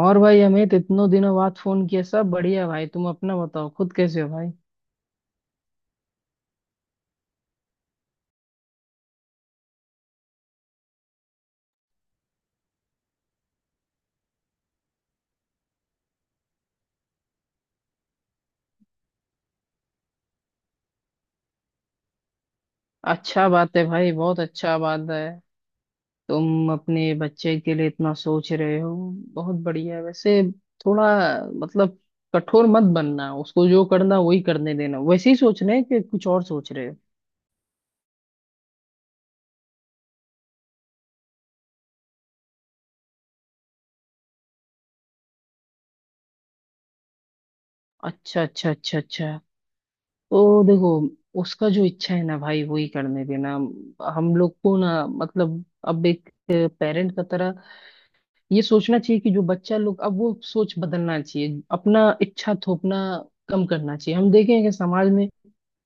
और भाई अमित, इतनों दिनों बाद फोन किया। सब बढ़िया भाई। तुम अपना बताओ, खुद कैसे हो भाई? अच्छा बात है भाई, बहुत अच्छा बात है। तुम अपने बच्चे के लिए इतना सोच रहे हो, बहुत बढ़िया है। वैसे थोड़ा, मतलब, कठोर मत बनना। उसको जो करना वही करने देना। वैसे ही सोच रहे हैं कि कुछ और सोच रहे हो? अच्छा, अच्छा, अच्छा, अच्छा। तो देखो, उसका जो इच्छा है ना भाई, वही करने देना। हम लोग को ना, मतलब, अब एक पेरेंट का तरह ये सोचना चाहिए कि जो बच्चा लोग, अब वो सोच बदलना चाहिए। अपना इच्छा थोपना कम करना चाहिए। हम देखें कि समाज में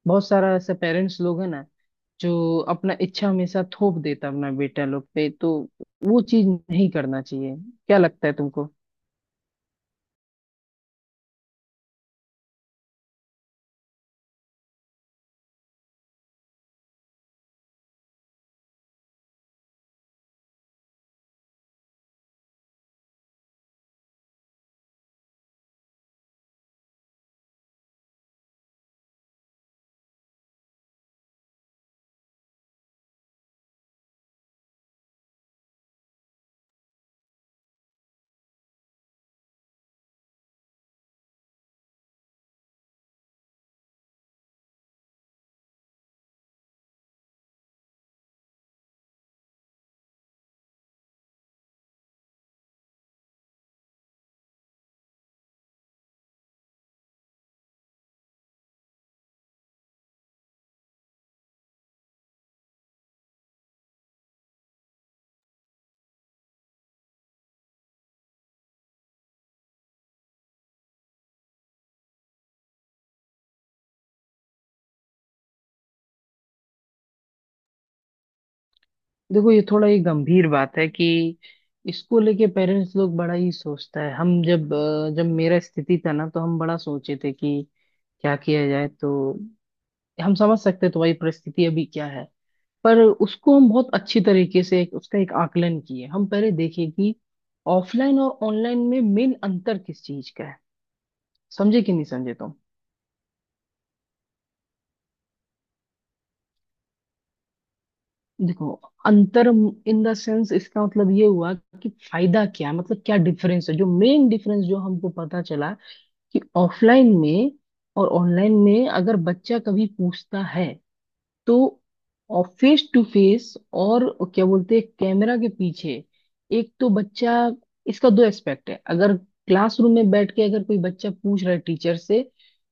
बहुत सारा ऐसा पेरेंट्स लोग है ना, जो अपना इच्छा हमेशा थोप देता है अपना बेटा लोग पे। तो वो चीज नहीं करना चाहिए। क्या लगता है तुमको? देखो, ये थोड़ा ये गंभीर बात है कि इसको लेके पेरेंट्स लोग बड़ा ही सोचता है। हम जब जब मेरा स्थिति था ना, तो हम बड़ा सोचे थे कि क्या किया जाए, तो हम समझ सकते हैं तुम्हारी परिस्थिति अभी क्या है। पर उसको हम बहुत अच्छी तरीके से उसका एक आकलन किए, हम पहले देखे कि ऑफलाइन और ऑनलाइन में मेन अंतर किस चीज का है। समझे कि नहीं समझे तुम? देखो, अंतर इन द सेंस, इसका मतलब ये हुआ कि फायदा क्या है, मतलब क्या डिफरेंस है, जो मेन डिफरेंस जो हमको पता चला कि ऑफलाइन में और ऑनलाइन में अगर बच्चा कभी पूछता है, तो, और फेस टू फेस और क्या बोलते हैं, कैमरा के पीछे। एक तो बच्चा, इसका दो एस्पेक्ट है। अगर क्लासरूम में बैठ के अगर कोई बच्चा पूछ रहा है टीचर से,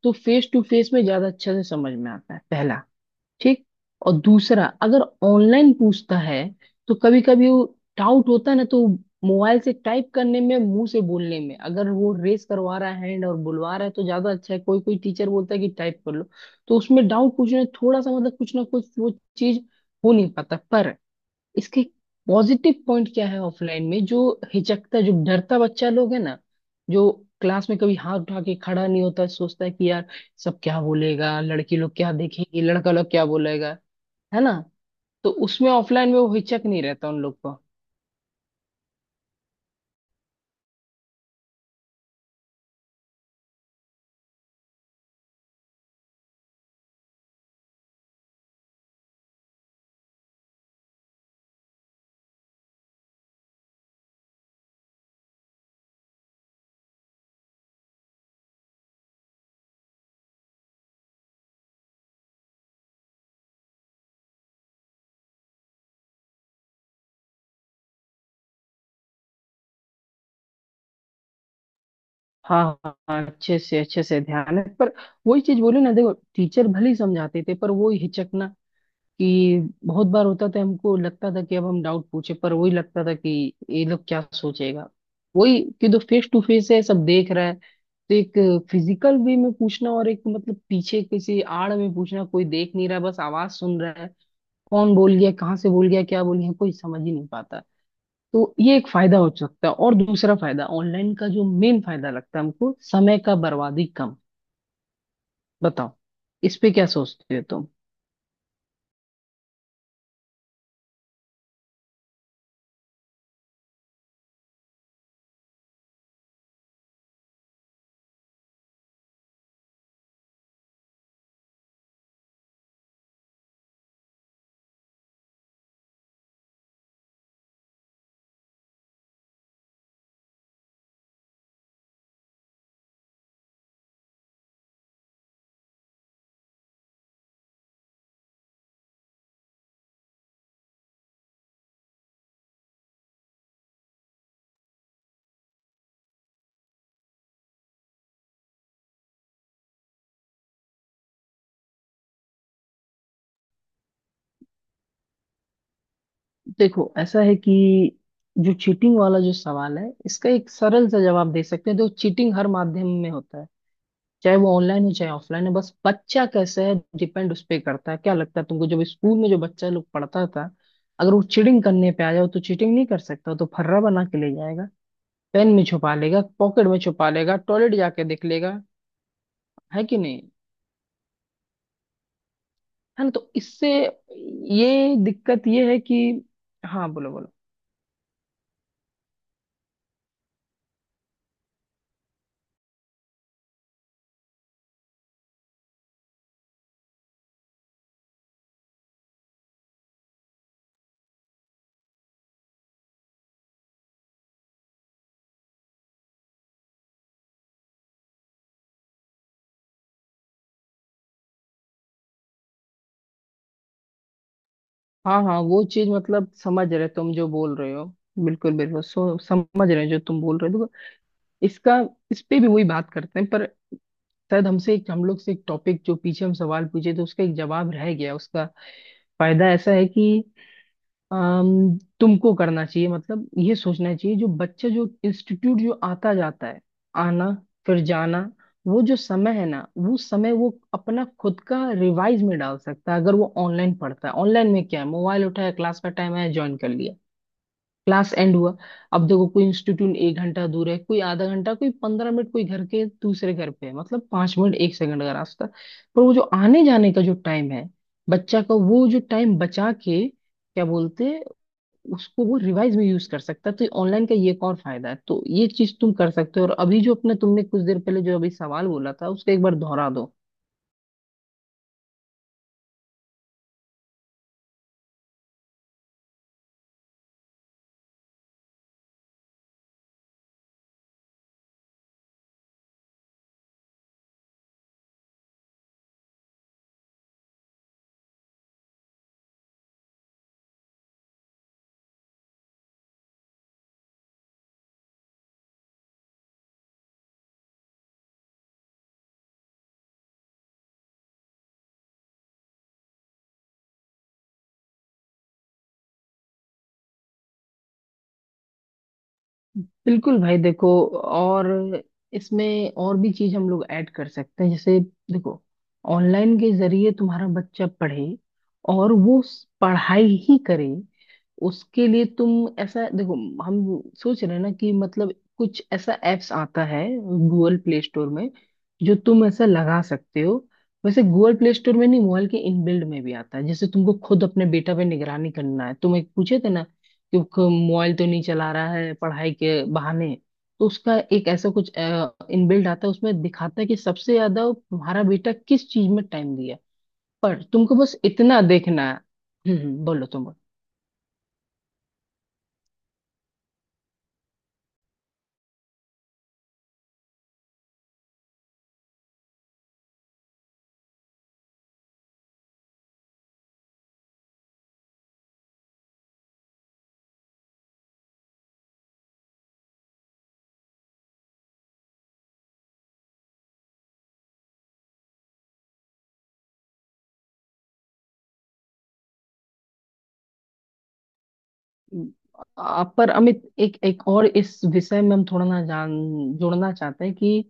तो फेस टू फेस में ज्यादा अच्छे से समझ में आता है, पहला। ठीक। और दूसरा, अगर ऑनलाइन पूछता है तो कभी कभी वो डाउट होता है ना, तो मोबाइल से टाइप करने में, मुंह से बोलने में, अगर वो रेस करवा रहा है हैंड और बुलवा रहा है तो ज्यादा अच्छा है। कोई कोई टीचर बोलता है कि टाइप कर लो, तो उसमें डाउट पूछने में थोड़ा सा, मतलब, कुछ ना कुछ वो चीज हो नहीं पाता। पर इसके पॉजिटिव पॉइंट क्या है, ऑफलाइन में जो हिचकता, जो डरता बच्चा लोग है ना, जो क्लास में कभी हाथ उठा के खड़ा नहीं होता, सोचता है कि यार, सब क्या बोलेगा, लड़की लोग क्या देखेंगी, लड़का लोग क्या बोलेगा। है ना, तो उसमें ऑफलाइन में वो हिचक नहीं रहता उन लोग को। हाँ हाँ हाँ, अच्छे से ध्यान है। पर वही चीज बोले ना, देखो टीचर भले ही समझाते थे, पर वो हिचकना कि बहुत बार होता था, हमको लगता था कि अब हम डाउट पूछे, पर वही लगता था कि ये लोग क्या सोचेगा। वही कि तो फेस टू फेस है, सब देख रहा है। तो एक फिजिकल वे में पूछना, और एक, मतलब, पीछे किसी आड़ में पूछना, कोई देख नहीं रहा, बस आवाज सुन रहा है। कौन बोल गया, कहाँ से बोल गया, क्या बोल गया, कोई समझ ही नहीं पाता। तो ये एक फायदा हो सकता है। और दूसरा फायदा ऑनलाइन का, जो मेन फायदा लगता है हमको, समय का बर्बादी कम। बताओ, इस पे क्या सोचते हो तुम? देखो, ऐसा है कि जो चीटिंग वाला जो सवाल है, इसका एक सरल सा जवाब दे सकते हैं। तो चीटिंग हर माध्यम में होता है, चाहे वो ऑनलाइन हो चाहे ऑफलाइन हो। बस बच्चा कैसा है, डिपेंड उस पे करता है। क्या लगता है तुमको, जब स्कूल में जो बच्चा लोग पढ़ता था, अगर वो चीटिंग करने पे आ जाओ तो चीटिंग नहीं कर सकता? वो तो फर्रा बना के ले जाएगा, पेन में छुपा लेगा, पॉकेट में छुपा लेगा, टॉयलेट जाके देख लेगा। है कि नहीं? है ना, तो इससे ये दिक्कत ये है कि, हाँ, बोलो बोलो। हाँ हाँ, वो चीज, मतलब, समझ रहे तुम जो बोल रहे हो। बिल्कुल बिल्कुल, सो समझ रहे हैं जो तुम बोल रहे हो। देखो, इसका, इस पे भी वही बात करते हैं। पर शायद हमसे एक हम लोग से एक टॉपिक जो पीछे हम सवाल पूछे, तो उसका एक जवाब रह गया। उसका फायदा ऐसा है कि तुमको करना चाहिए, मतलब ये सोचना चाहिए, जो बच्चा जो इंस्टीट्यूट जो आता जाता है, आना फिर जाना, वो जो समय है ना, वो समय वो अपना खुद का रिवाइज में डाल सकता है। अगर वो ऑनलाइन पढ़ता है, ऑनलाइन में क्या है, मोबाइल उठाया, क्लास का टाइम है, ज्वाइन कर लिया, क्लास एंड हुआ। अब देखो, कोई इंस्टीट्यूट 1 घंटा दूर है, कोई आधा घंटा, कोई 15 मिनट, कोई घर के दूसरे घर पे है, मतलब 5 मिनट एक सेकंड का रास्ता। पर वो जो आने जाने का जो टाइम है बच्चा का, वो जो टाइम बचा के क्या बोलते हैं, उसको वो रिवाइज में यूज कर सकता है। तो ऑनलाइन का ये एक और फायदा है। तो ये चीज तुम कर सकते हो। और अभी जो अपने तुमने कुछ देर पहले जो अभी सवाल बोला था, उसको एक बार दोहरा दो। बिल्कुल भाई, देखो। और इसमें और भी चीज हम लोग ऐड कर सकते हैं, जैसे, देखो, ऑनलाइन के जरिए तुम्हारा बच्चा पढ़े, और वो पढ़ाई ही करे। उसके लिए तुम ऐसा देखो, हम सोच रहे हैं ना कि, मतलब, कुछ ऐसा एप्स आता है गूगल प्ले स्टोर में, जो तुम ऐसा लगा सकते हो। वैसे गूगल प्ले स्टोर में नहीं, मोबाइल के इनबिल्ड में भी आता है। जैसे तुमको खुद अपने बेटा पे निगरानी करना है, तुम एक पूछे थे ना, क्योंकि मोबाइल तो नहीं चला रहा है पढ़ाई के बहाने। तो उसका एक ऐसा कुछ इनबिल्ट आता है, उसमें दिखाता है कि सबसे ज्यादा वो तुम्हारा बेटा किस चीज में टाइम दिया। पर तुमको बस इतना देखना है। बोलो तुम। बोलो। पर अमित, एक एक और इस विषय में हम थोड़ा ना जान जोड़ना चाहते हैं कि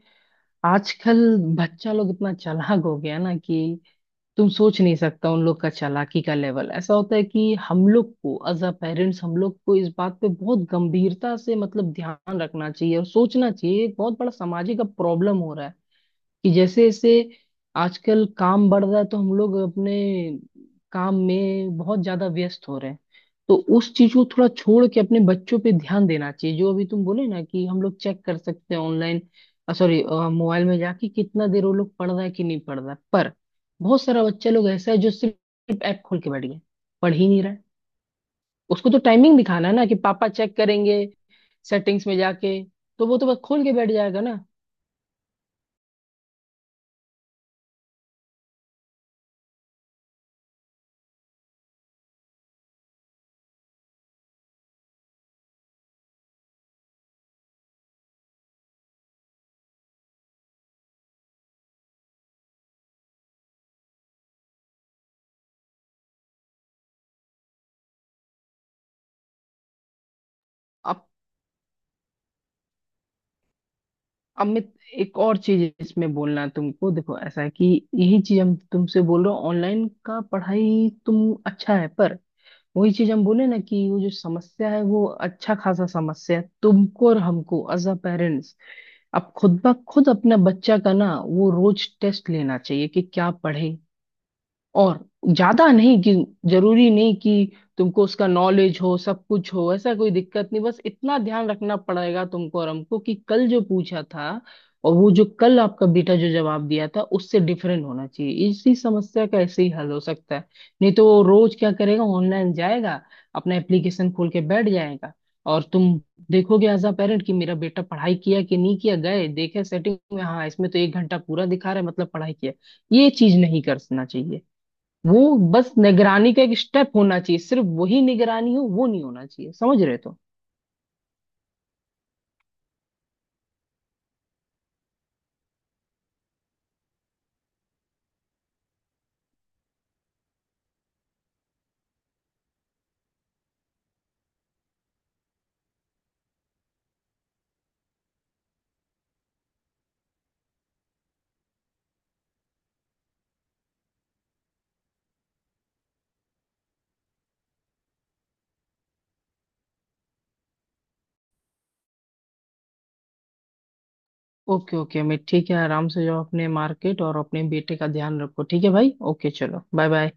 आजकल बच्चा लोग इतना चालाक हो गया है ना कि तुम सोच नहीं सकता। उन लोग का चालाकी का लेवल ऐसा होता है कि हम लोग को एज अ पेरेंट्स, हम लोग को इस बात पे बहुत गंभीरता से, मतलब, ध्यान रखना चाहिए और सोचना चाहिए। एक बहुत बड़ा सामाजिक अब प्रॉब्लम हो रहा है कि जैसे जैसे आजकल काम बढ़ रहा है, तो हम लोग अपने काम में बहुत ज्यादा व्यस्त हो रहे हैं। तो उस चीज को थोड़ा छोड़ के अपने बच्चों पे ध्यान देना चाहिए। जो अभी तुम बोले ना कि हम लोग चेक कर सकते हैं ऑनलाइन, सॉरी मोबाइल में जाके, कितना देर वो लोग पढ़ रहा है कि नहीं पढ़ रहा है। पर बहुत सारा बच्चा लोग ऐसा है जो सिर्फ ऐप खोल के बैठ गया, पढ़ ही नहीं रहा है। उसको तो टाइमिंग दिखाना है ना कि पापा चेक करेंगे सेटिंग्स में जाके, तो वो तो बस खोल के बैठ जाएगा ना। अब मैं एक और चीज इसमें बोलना है तुमको। देखो, ऐसा है कि यही चीज हम तुमसे बोल रहे हो, ऑनलाइन का पढ़ाई तुम अच्छा है। पर वही चीज हम बोले ना, कि वो जो समस्या है वो अच्छा खासा समस्या है। तुमको और हमको एज अ पेरेंट्स अब खुद ब खुद अपना बच्चा का ना, वो रोज टेस्ट लेना चाहिए कि क्या पढ़े। और ज्यादा नहीं कि, जरूरी नहीं कि तुमको उसका नॉलेज हो, सब कुछ हो, ऐसा कोई दिक्कत नहीं। बस इतना ध्यान रखना पड़ेगा तुमको और हमको कि कल जो पूछा था, और वो जो कल आपका बेटा जो जवाब दिया था, उससे डिफरेंट होना चाहिए। इसी समस्या का ऐसे ही हल हो सकता है। नहीं तो वो रोज क्या करेगा, ऑनलाइन जाएगा, अपना एप्लीकेशन खोल के बैठ जाएगा, और तुम देखोगे एज अ पेरेंट कि मेरा बेटा पढ़ाई किया कि नहीं किया, गए देखे सेटिंग में, हाँ इसमें तो 1 घंटा पूरा दिखा रहा है, मतलब पढ़ाई किया। ये चीज नहीं करना चाहिए। वो बस निगरानी का एक स्टेप होना चाहिए, सिर्फ वही निगरानी हो वो नहीं होना चाहिए। समझ रहे? तो ओके ओके, मैं ठीक है। आराम से जाओ अपने मार्केट और अपने बेटे का ध्यान रखो। ठीक है भाई, ओके, चलो, बाय बाय।